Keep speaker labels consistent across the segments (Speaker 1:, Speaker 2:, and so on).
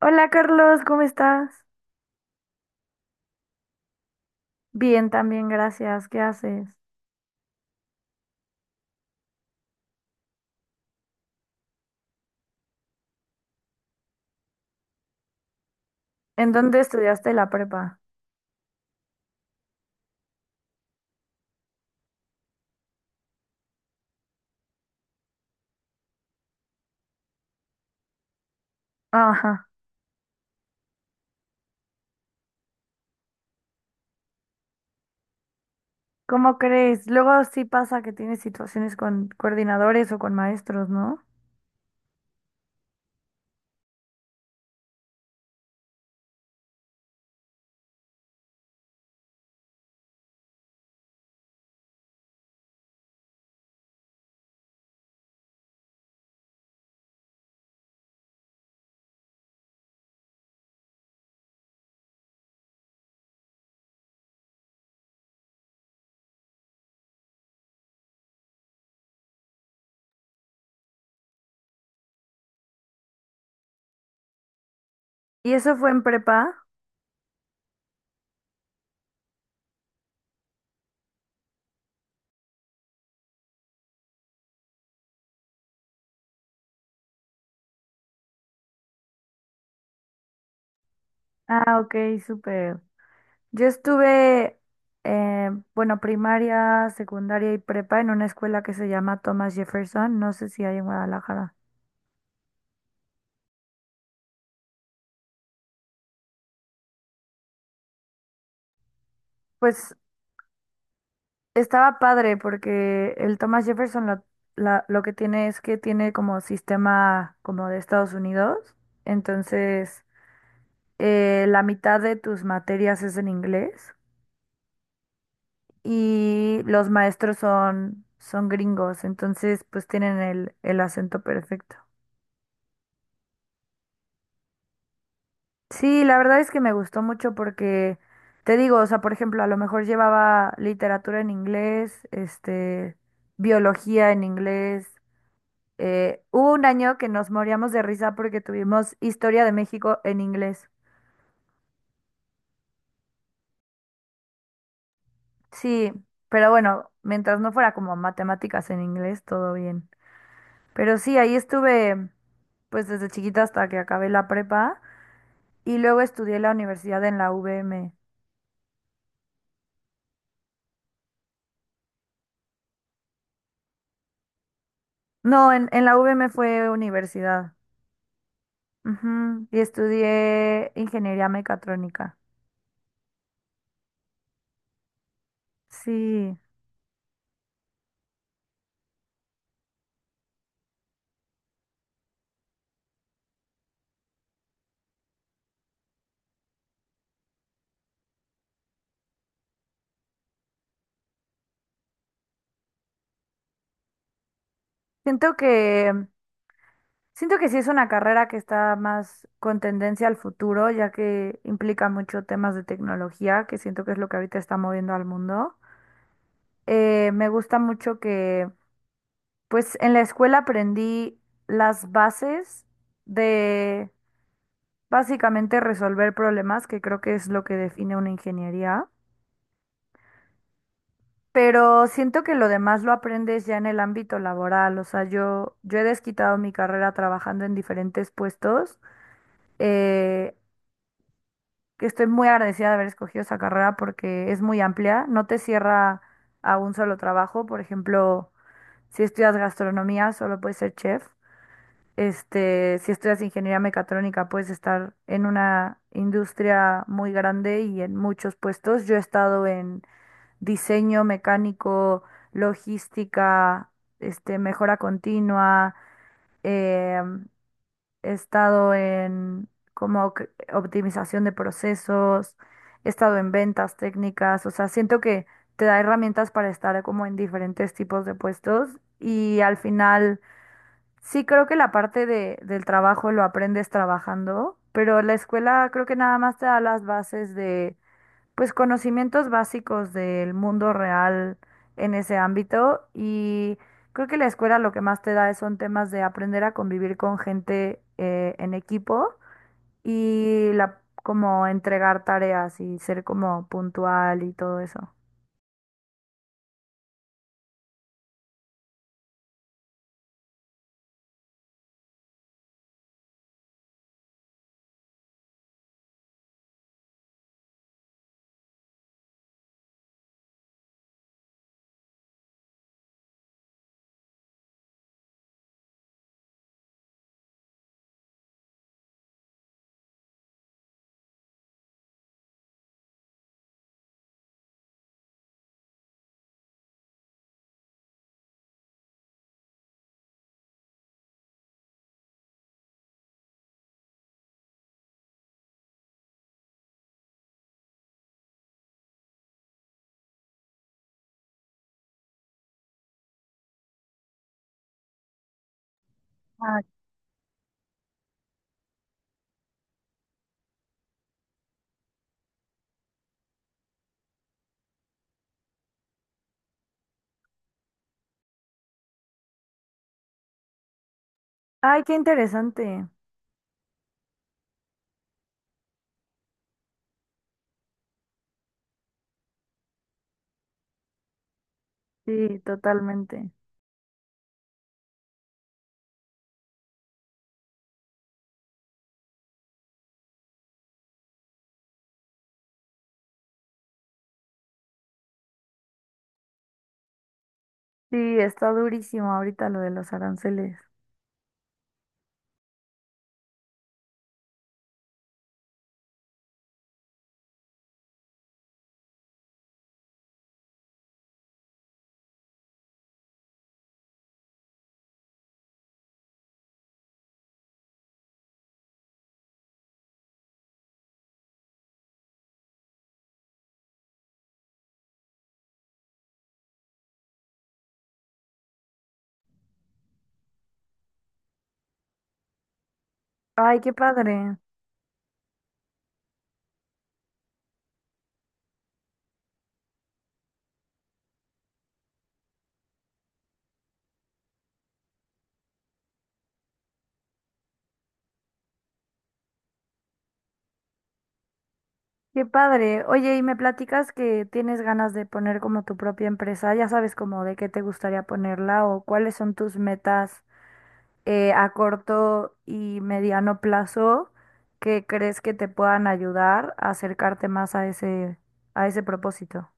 Speaker 1: Hola Carlos, ¿cómo estás? Bien, también, gracias. ¿Qué haces? ¿En dónde estudiaste la prepa? Ajá. ¿Cómo crees? Luego sí pasa que tienes situaciones con coordinadores o con maestros, ¿no? ¿Y eso fue en prepa? Ah, ok, súper. Yo estuve, eh, bueno, primaria, secundaria y prepa en una escuela que se llama Thomas Jefferson, no sé si hay en Guadalajara. Pues estaba padre porque el Thomas Jefferson lo que tiene es que tiene como sistema como de Estados Unidos. Entonces, la mitad de tus materias es en inglés y los maestros son, son gringos. Entonces, pues tienen el acento perfecto. Sí, la verdad es que me gustó mucho porque, te digo, o sea, por ejemplo, a lo mejor llevaba literatura en inglés, este, biología en inglés. Hubo un año que nos moríamos de risa porque tuvimos Historia de México en inglés. Sí, pero bueno, mientras no fuera como matemáticas en inglés, todo bien. Pero sí, ahí estuve pues desde chiquita hasta que acabé la prepa y luego estudié la universidad en la UVM. No, en la UVM fue universidad. Ujú. Y estudié ingeniería mecatrónica. Sí, siento que siento que sí es una carrera que está más con tendencia al futuro, ya que implica mucho temas de tecnología, que siento que es lo que ahorita está moviendo al mundo. Me gusta mucho que, pues en la escuela aprendí las bases de básicamente resolver problemas, que creo que es lo que define una ingeniería, pero siento que lo demás lo aprendes ya en el ámbito laboral. O sea, yo he desquitado mi carrera trabajando en diferentes puestos. Eh, que estoy muy agradecida de haber escogido esa carrera porque es muy amplia, no te cierra a un solo trabajo, por ejemplo, si estudias gastronomía solo puedes ser chef, este, si estudias ingeniería mecatrónica puedes estar en una industria muy grande y en muchos puestos. Yo he estado en diseño mecánico, logística, este, mejora continua, em, he estado en como que optimización de procesos, he estado en ventas técnicas, o sea, siento que te da herramientas para estar como en diferentes tipos de puestos y al final sí creo que la parte de, del trabajo lo aprendes trabajando, pero la escuela creo que nada más te da las bases de pues conocimientos básicos del mundo real en ese ámbito y creo que la escuela lo que más te da son temas de aprender a convivir con gente en equipo y la como entregar tareas y ser como puntual y todo eso. Ay. Ay, qué interesante. Sí, totalmente. Sí, está durísimo ahorita lo de los aranceles. Ay, qué padre. Qué padre. Oye, y me platicas que tienes ganas de poner como tu propia empresa. Ya sabes como de qué te gustaría ponerla o cuáles son tus metas a corto y mediano plazo que crees que te puedan ayudar a acercarte más a ese propósito.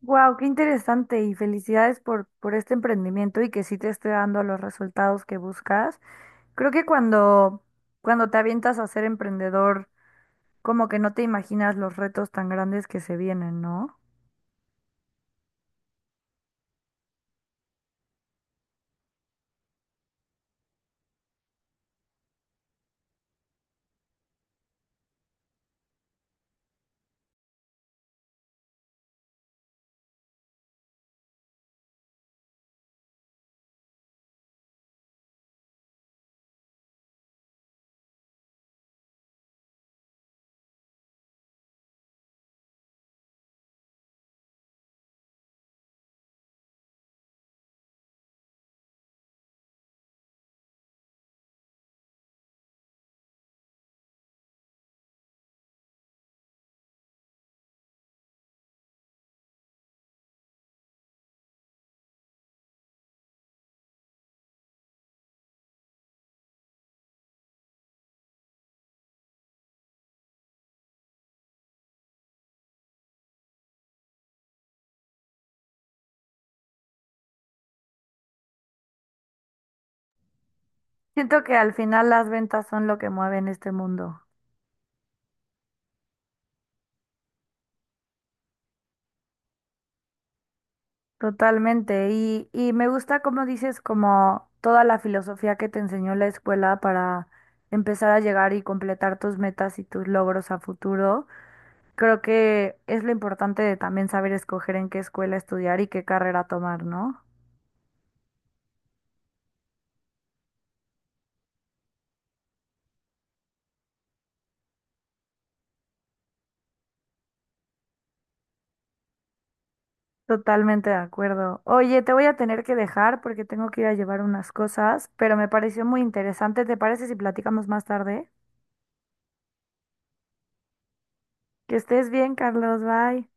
Speaker 1: Wow, qué interesante y felicidades por este emprendimiento y que sí te esté dando los resultados que buscas. Creo que cuando, cuando te avientas a ser emprendedor como que no te imaginas los retos tan grandes que se vienen, ¿no? Siento que al final las ventas son lo que mueven este mundo. Totalmente. Y me gusta como dices, como toda la filosofía que te enseñó la escuela para empezar a llegar y completar tus metas y tus logros a futuro. Creo que es lo importante de también saber escoger en qué escuela estudiar y qué carrera tomar, ¿no? Totalmente de acuerdo. Oye, te voy a tener que dejar porque tengo que ir a llevar unas cosas, pero me pareció muy interesante. ¿Te parece si platicamos más tarde? Que estés bien, Carlos. Bye.